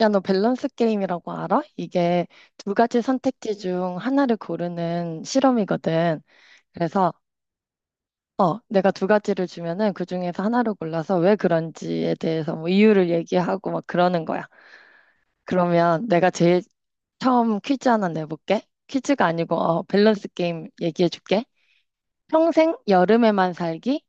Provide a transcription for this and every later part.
야, 너 밸런스 게임이라고 알아? 이게 두 가지 선택지 중 하나를 고르는 실험이거든. 그래서, 내가 두 가지를 주면은 그 중에서 하나를 골라서 왜 그런지에 대해서 뭐 이유를 얘기하고 막 그러는 거야. 그러면 내가 제일 처음 퀴즈 하나 내볼게. 퀴즈가 아니고, 밸런스 게임 얘기해줄게. 평생 여름에만 살기랑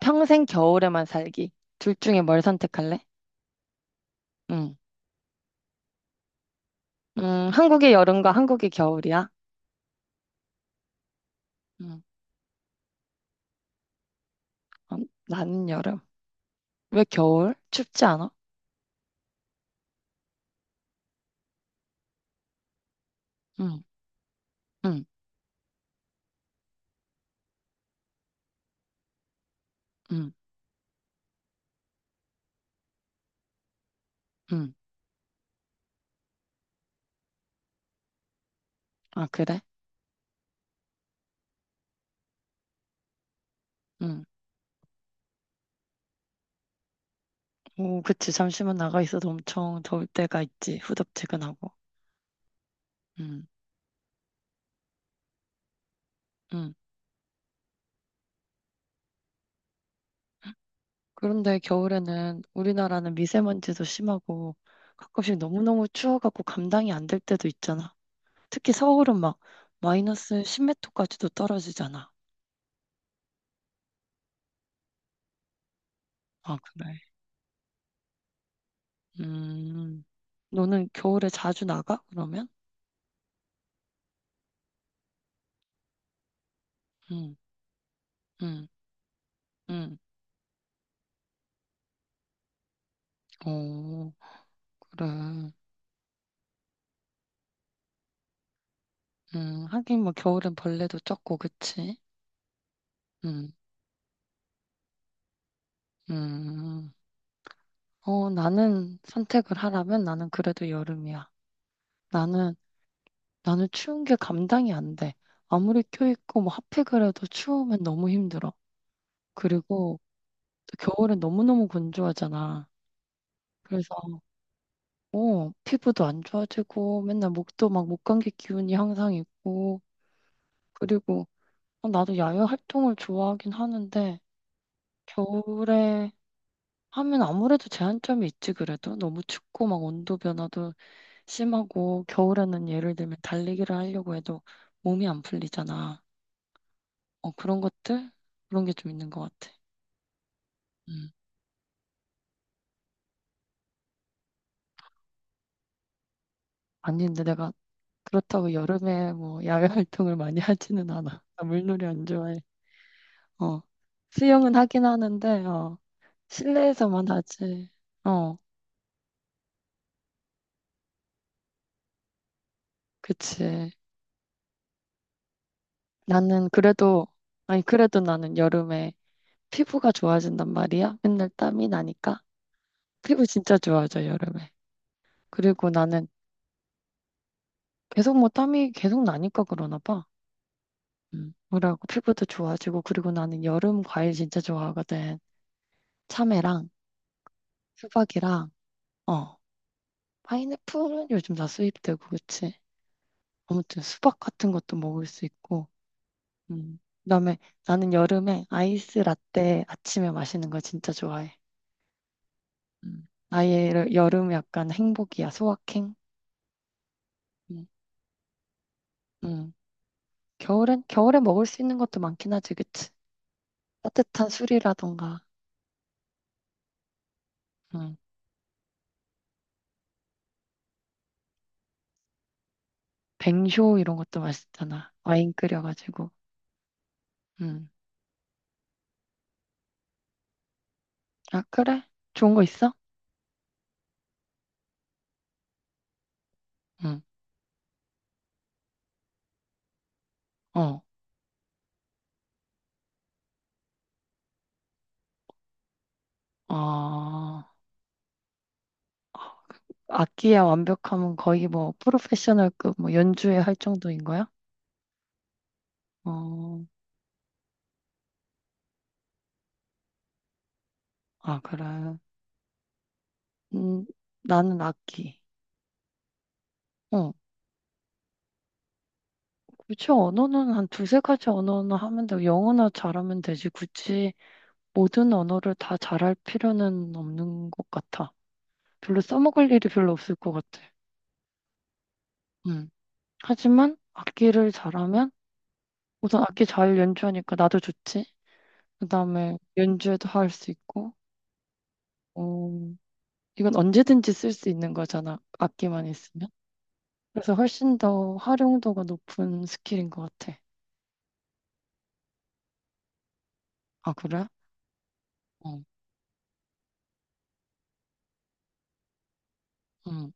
평생 겨울에만 살기. 둘 중에 뭘 선택할래? 음, 한국의 여름과 한국의 겨울이야. 음, 어, 나는 여름. 왜 겨울? 춥지 않아? 응, 응, 응, 응. 아, 그래? 응. 오, 그치. 잠시만 나가 있어도 엄청 더울 때가 있지. 후덥지근하고. 응, 응. 그런데 겨울에는 우리나라는 미세먼지도 심하고 가끔씩 너무너무 추워갖고 감당이 안 될 때도 있잖아. 특히 서울은 막 마이너스 십메터까지도 떨어지잖아. 아, 그래. 음, 너는 겨울에 자주 나가? 그러면? 응, 응, 응. 오, 그래. 하긴 뭐 겨울엔 벌레도 적고, 그치? 음, 음. 나는 선택을 하라면 나는 그래도 여름이야. 나는, 나는 추운 게 감당이 안 돼. 아무리 껴입고 뭐 핫팩 그래도 추우면 너무 힘들어. 그리고 또 겨울엔 너무너무 건조하잖아. 그래서, 피부도 안 좋아지고 맨날 목도 막 목감기 기운이 항상 있고. 그리고 나도 야외 활동을 좋아하긴 하는데, 겨울에 하면 아무래도 제한점이 있지. 그래도 너무 춥고 막 온도 변화도 심하고 겨울에는 예를 들면 달리기를 하려고 해도 몸이 안 풀리잖아. 그런 것들, 그런 게 좀 있는 것 같아. 음. 아니, 근데 내가 그렇다고 여름에 뭐 야외 활동을 많이 하지는 않아. 나 물놀이 안 좋아해. 어 수영은 하긴 하는데 실내에서만 하지. 어 그치. 나는 그래도, 아니, 그래도 나는 여름에 피부가 좋아진단 말이야. 맨날 땀이 나니까. 피부 진짜 좋아져, 여름에. 그리고 나는 계속 뭐 땀이 계속 나니까 그러나 봐. 뭐라고, 피부도 좋아지고, 그리고 나는 여름 과일 진짜 좋아하거든. 참외랑 수박이랑 어 파인애플은 요즘 다 수입되고, 그치? 아무튼 수박 같은 것도 먹을 수 있고. 음. 그다음에 나는 여름에 아이스 라떼 아침에 마시는 거 진짜 좋아해. 음. 아예 여름 약간 행복이야, 소확행. 음. 음. 겨울엔 겨울에 먹을 수 있는 것도 많긴 하지, 그치? 따뜻한 술이라던가, 음, 뱅쇼 이런 것도 맛있잖아. 와인 끓여가지고. 음. 아, 그래? 좋은 거 있어? 응. 어. 어. 악기야 완벽하면 거의 뭐 프로페셔널급 뭐 연주회 할 정도인 거야? 어. 아, 그래. 음, 나는 악기. 어. 굳이 언어는 한 두세 가지 언어는 하면 되고 영어나 잘하면 되지. 굳이 모든 언어를 다 잘할 필요는 없는 것 같아. 별로 써먹을 일이 별로 없을 것 같아. 음. 하지만 악기를 잘하면 우선 악기 잘 연주하니까 나도 좋지. 그다음에 연주에도 할 수 있고, 어 이건 언제든지 쓸 수 있는 거잖아. 악기만 있으면. 그래서 훨씬 더 활용도가 높은 스킬인 것 같아. 아, 그래? 어, 응,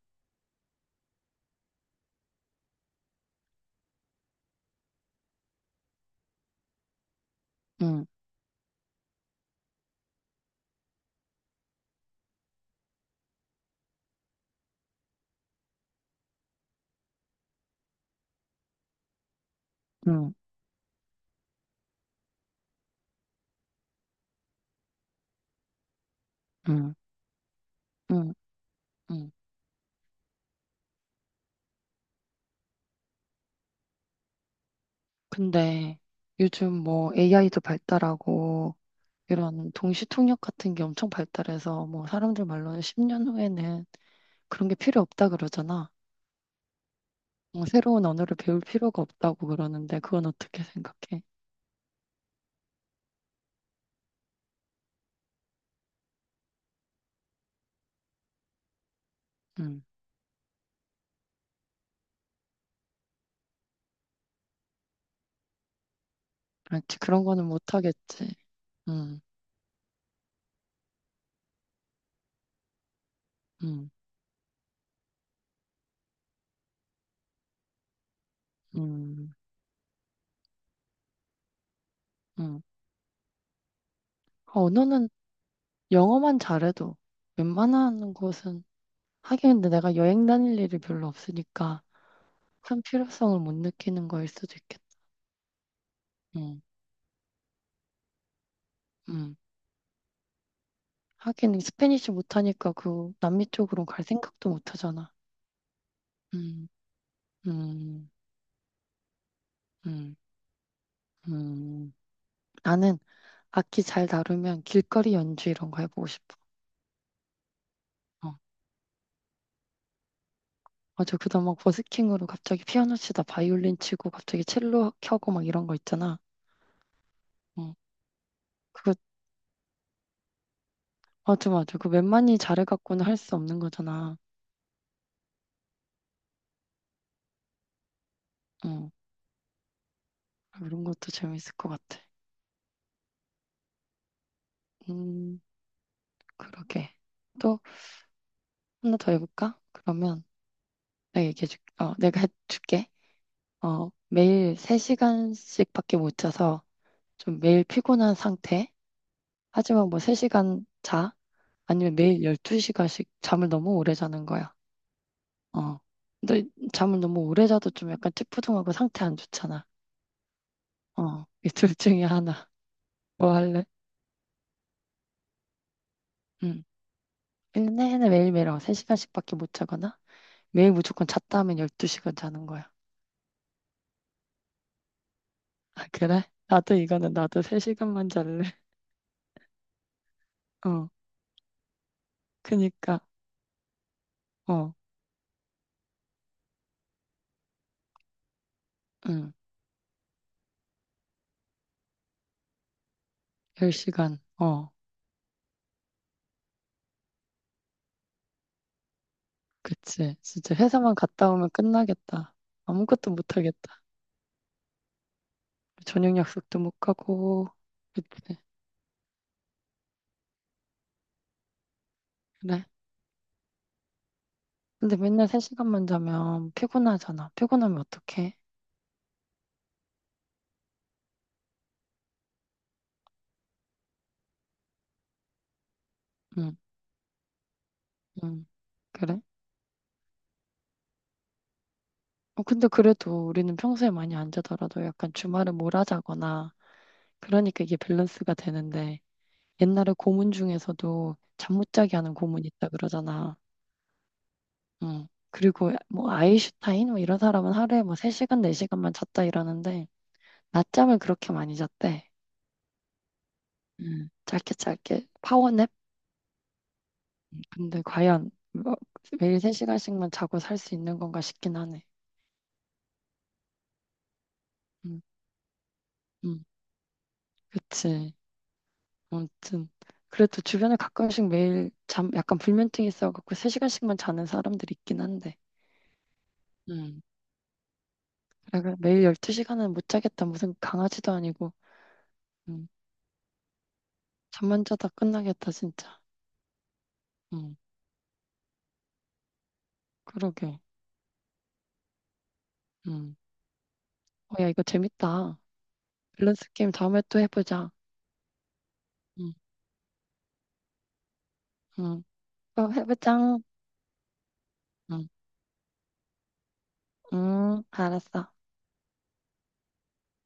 응, 응, 응, 응, 응. 근데 요즘 뭐 AI도 발달하고 이런 동시통역 같은 게 엄청 발달해서 뭐 사람들 말로는 10년 후에는 그런 게 필요 없다 그러잖아. 새로운 언어를 배울 필요가 없다고 그러는데 그건 어떻게 생각해? 음, 그렇지. 그런 거는 못하겠지. 음, 음, 음, 음. 아, 언어는 영어만 잘해도 웬만한 곳은, 하긴 근데 내가 여행 다닐 일이 별로 없으니까 큰 필요성을 못 느끼는 거일 수도 있겠다. 음, 음. 하긴 스페니쉬 못하니까 그 남미 쪽으로 갈 생각도 못 하잖아. 음, 음, 음, 음. 나는 악기 잘 다루면 길거리 연주 이런 거 해보고 싶어. 어. 맞아. 그다음 막 버스킹으로 갑자기 피아노 치다 바이올린 치고 갑자기 첼로 켜고 막 이런 거 있잖아. 어 그거 맞아, 맞아. 그 웬만히 잘해갖고는 할 수 없는 거잖아. 어 이런 것도 재밌을 것 같아. 음 그러게. 또 하나 더 해볼까? 그러면 내가 얘기해줄. 내가 해줄게. 매일 3시간씩밖에 못 자서 좀 매일 피곤한 상태. 하지만 뭐 3시간 자. 아니면 매일 12시간씩 잠을 너무 오래 자는 거야. 어. 근데 잠을 너무 오래 자도 좀 약간 찌뿌둥하고 상태 안 좋잖아. 어. 이 둘 중에 하나. 뭐 할래? 응. 1년 내내 매일매일 3시간씩밖에 못 자거나 매일 무조건 잤다 하면 12시간 자는 거야. 아, 그래? 나도 이거는 나도 3시간만 잘래. 어. 그니까. 어. 응. 10시간. 어. 그치. 진짜 회사만 갔다 오면 끝나겠다. 아무것도 못 하겠다. 저녁 약속도 못 가고. 그치. 그래. 근데 맨날 3시간만 자면 피곤하잖아. 피곤하면 어떡해? 응, 응. 그래? 근데 그래도 우리는 평소에 많이 안 자더라도 약간 주말에 몰아자거나 그러니까 이게 밸런스가 되는데, 옛날에 고문 중에서도 잠 못 자게 하는 고문이 있다 그러잖아. 응. 그리고 뭐 아인슈타인 뭐 이런 사람은 하루에 뭐 3시간, 4시간만 잤다 이러는데 낮잠을 그렇게 많이 잤대. 응. 짧게 짧게 파워냅? 근데 과연 뭐 매일 3시간씩만 자고 살 수 있는 건가 싶긴 하네. 음, 음, 그치. 아무튼 그래도 주변에 가끔씩 매일 잠 약간 불면증 있어갖고 3시간씩만 자는 사람들 있긴 한데. 음. 그래, 매일 12시간은 못 자겠다. 무슨 강아지도 아니고. 음. 잠만 자다 끝나겠다, 진짜. 음. 그러게. 음. 야, 이거 재밌다. 밸런스 게임 다음에 또 해보자. 음. 음. 또 해보자. 음. 음. 알았어.